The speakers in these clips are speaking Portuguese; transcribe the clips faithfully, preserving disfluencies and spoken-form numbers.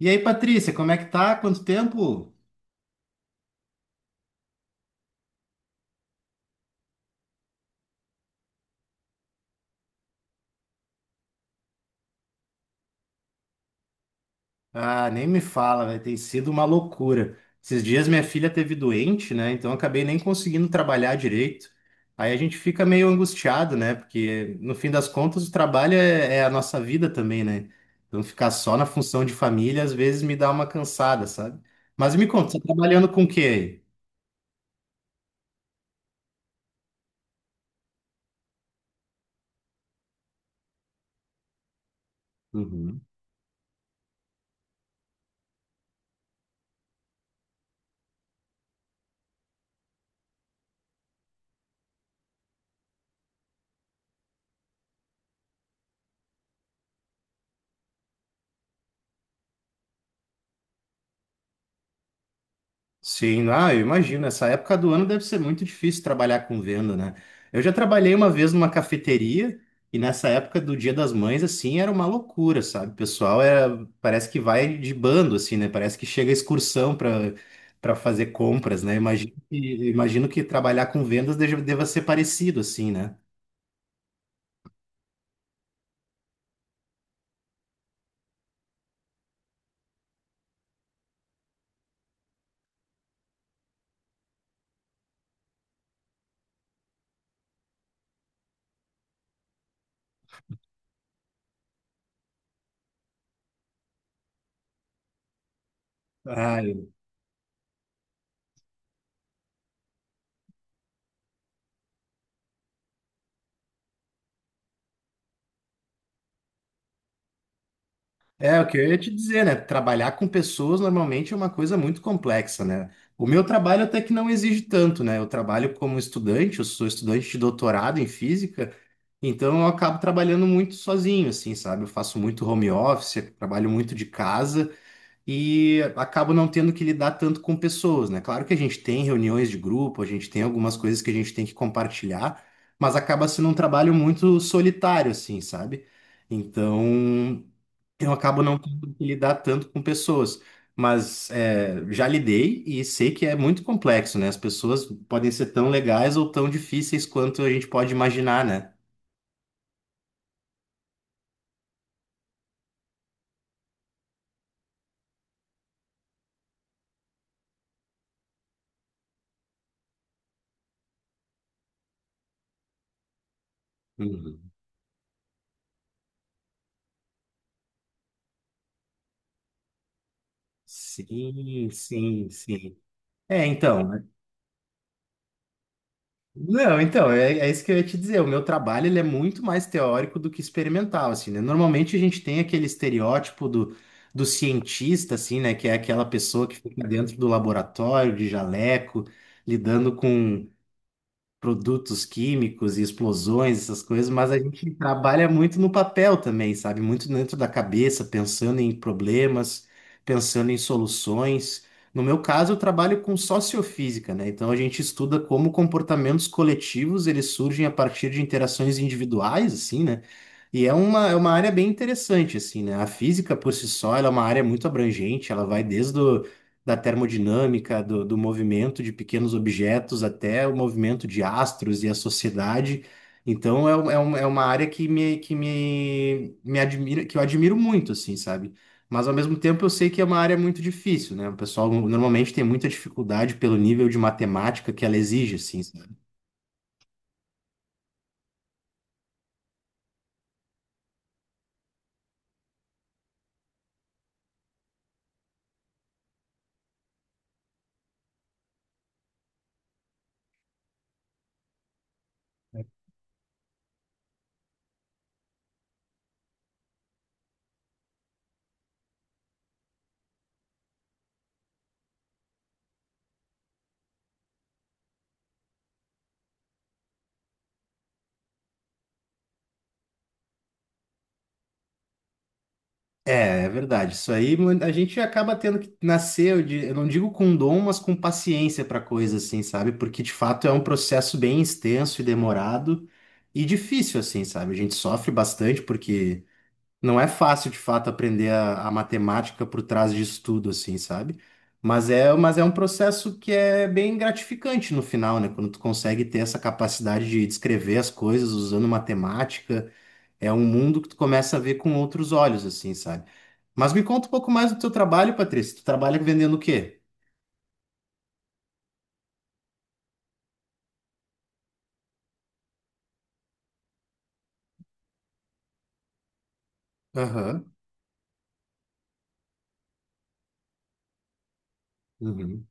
E aí, Patrícia, como é que tá? Quanto tempo? Ah, nem me fala, velho. Tem sido uma loucura. Esses dias minha filha teve doente, né? Então eu acabei nem conseguindo trabalhar direito. Aí a gente fica meio angustiado, né? Porque no fim das contas o trabalho é, é a nossa vida também, né? Então ficar só na função de família às vezes me dá uma cansada, sabe? Mas me conta, você tá trabalhando com o quê aí? Sim, ah, eu imagino. Essa época do ano deve ser muito difícil trabalhar com venda, né? Eu já trabalhei uma vez numa cafeteria e nessa época do Dia das Mães, assim, era uma loucura, sabe? O pessoal era, parece que vai de bando, assim, né? Parece que chega excursão para para fazer compras, né? Imagino que, imagino que trabalhar com vendas deja- deva ser parecido, assim, né? Ah, é, o que eu ia te dizer, né? Trabalhar com pessoas normalmente é uma coisa muito complexa, né? O meu trabalho até que não exige tanto, né? Eu trabalho como estudante, eu sou estudante de doutorado em física, então eu acabo trabalhando muito sozinho, assim, sabe? Eu faço muito home office, trabalho muito de casa e acabo não tendo que lidar tanto com pessoas, né? Claro que a gente tem reuniões de grupo, a gente tem algumas coisas que a gente tem que compartilhar, mas acaba sendo um trabalho muito solitário, assim, sabe? Então eu acabo não tendo que lidar tanto com pessoas, mas é, já lidei e sei que é muito complexo, né? As pessoas podem ser tão legais ou tão difíceis quanto a gente pode imaginar, né? Uhum. Sim, sim, sim. É, então, né? Não, então, é, é isso que eu ia te dizer. O meu trabalho, ele é muito mais teórico do que experimental, assim, né? Normalmente a gente tem aquele estereótipo do, do cientista, assim, né? Que é aquela pessoa que fica dentro do laboratório, de jaleco, lidando com produtos químicos e explosões, essas coisas, mas a gente trabalha muito no papel também, sabe? Muito dentro da cabeça, pensando em problemas, pensando em soluções. No meu caso, eu trabalho com sociofísica, né? Então a gente estuda como comportamentos coletivos eles surgem a partir de interações individuais, assim, né? E é uma, é uma área bem interessante, assim, né? A física por si só, ela é uma área muito abrangente, ela vai desde o da termodinâmica, do, do movimento de pequenos objetos até o movimento de astros e a sociedade. Então é, um- é, um- é uma área que me, que me, me admira, que eu admiro muito, assim, sabe? Mas ao mesmo tempo eu sei que é uma área muito difícil, né? O pessoal normalmente tem muita dificuldade pelo nível de matemática que ela exige, assim, é, é verdade. Isso aí mu- a gente acaba tendo que nascer, eu di- eu não digo com dom, mas com paciência para coisa assim, sabe? Porque de fato é um processo bem extenso e demorado e difícil assim, sabe? A gente sofre bastante porque não é fácil de fato aprender a, a matemática por trás disso tudo assim, sabe? Mas é, mas é um processo que é bem gratificante no final, né? Quando tu consegue ter essa capacidade de descrever as coisas usando matemática é um mundo que tu começa a ver com outros olhos, assim, sabe? Mas me conta um pouco mais do teu trabalho, Patrícia. Tu trabalha vendendo o quê? Aham. Uhum.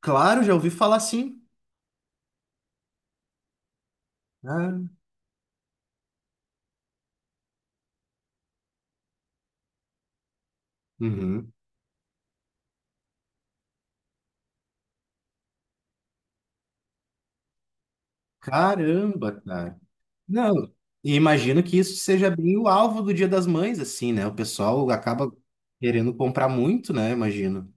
Claro, já ouvi falar sim. Ah, uhum. Caramba, cara. Não, e imagino que isso seja bem o alvo do Dia das Mães, assim, né? O pessoal acaba querendo comprar muito, né? Imagino.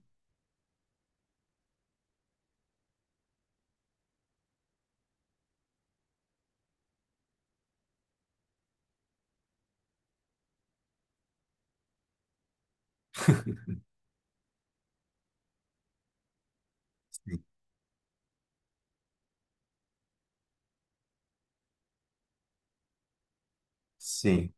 Sim. Sim.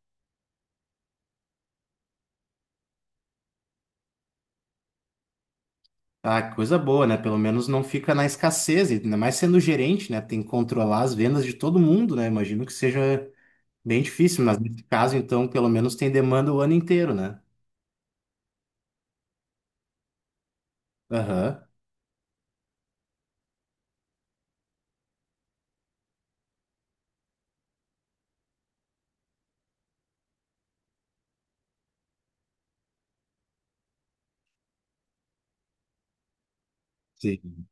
Ah, que coisa boa, né? Pelo menos não fica na escassez, e ainda mais sendo gerente, né? Tem que controlar as vendas de todo mundo, né? Imagino que seja bem difícil, mas nesse caso, então, pelo menos tem demanda o ano inteiro, né? Aham. Sim.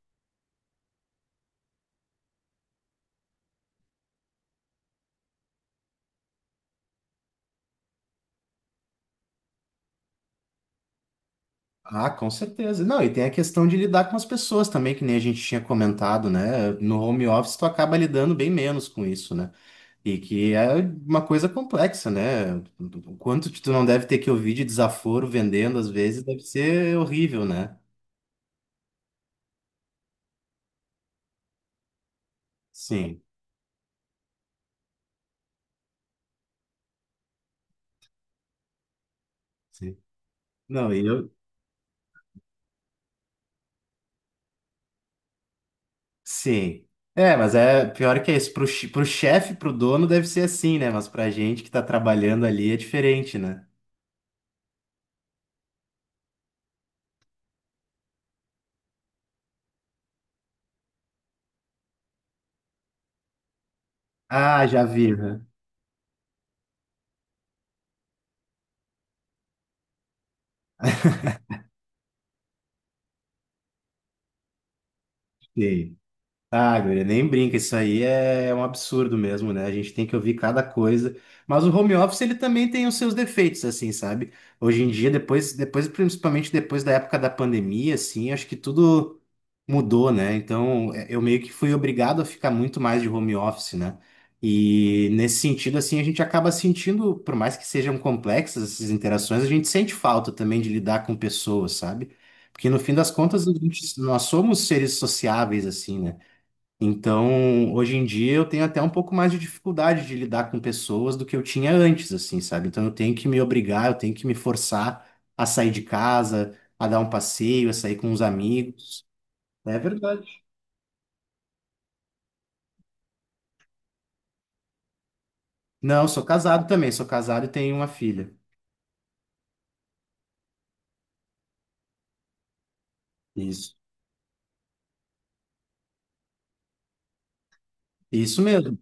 Ah, com certeza. Não, e tem a questão de lidar com as pessoas também, que nem a gente tinha comentado, né? No home office, tu acaba lidando bem menos com isso, né? E que é uma coisa complexa, né? O quanto tu não deve ter que ouvir de desaforo vendendo, às vezes, deve ser horrível, né? Sim, sim. Não, e eu, sim. É, mas é pior que isso. Pro, che- pro chefe, pro dono, deve ser assim, né? Mas pra gente que tá trabalhando ali é diferente, né? Ah, já vi, né? Sim. Ah, guria, nem brinca, isso aí é um absurdo mesmo, né? A gente tem que ouvir cada coisa. Mas o home office, ele também tem os seus defeitos, assim, sabe? Hoje em dia, depois, depois, principalmente depois da época da pandemia, assim, acho que tudo mudou, né? Então, é- eu meio que fui obrigado a ficar muito mais de home office, né? E nesse sentido, assim, a gente acaba sentindo, por mais que sejam complexas essas interações, a gente sente falta também de lidar com pessoas, sabe? Porque no fim das contas, a gente- nós somos seres sociáveis, assim, né? Então, hoje em dia eu tenho até um pouco mais de dificuldade de lidar com pessoas do que eu tinha antes, assim, sabe? Então eu tenho que me obrigar, eu tenho que me forçar a sair de casa, a dar um passeio, a sair com os amigos. É verdade. Não, sou casado também, sou casado e tenho uma filha. Isso. Isso mesmo.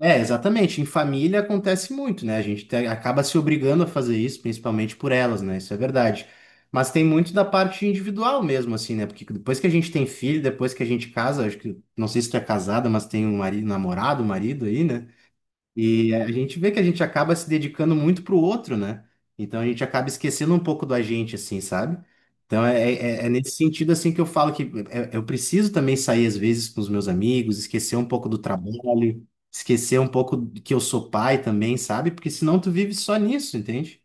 É, exatamente. Em família acontece muito, né? A gente te- acaba se obrigando a fazer isso, principalmente por elas, né? Isso é verdade. Mas tem muito da parte individual mesmo, assim, né? Porque depois que a gente tem filho, depois que a gente casa, acho que, não sei se tu é casada, mas tem um marido, namorado, marido aí, né? E a gente vê que a gente acaba se dedicando muito pro outro, né? Então a gente acaba esquecendo um pouco da gente, assim, sabe? Então é, é- é nesse sentido, assim, que eu falo que é- eu preciso também sair às vezes com os meus amigos, esquecer um pouco do trabalho, esquecer um pouco de que eu sou pai também, sabe? Porque senão tu vive só nisso, entende?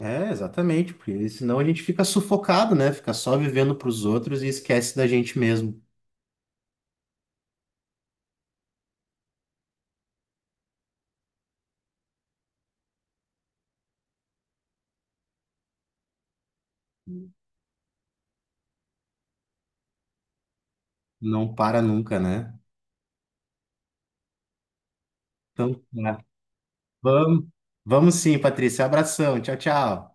É, exatamente, porque senão a gente fica sufocado, né? Fica só vivendo pros outros e esquece da gente mesmo. Não para nunca, né? Então, vamos, vamos sim, Patrícia. Abração. Tchau, tchau.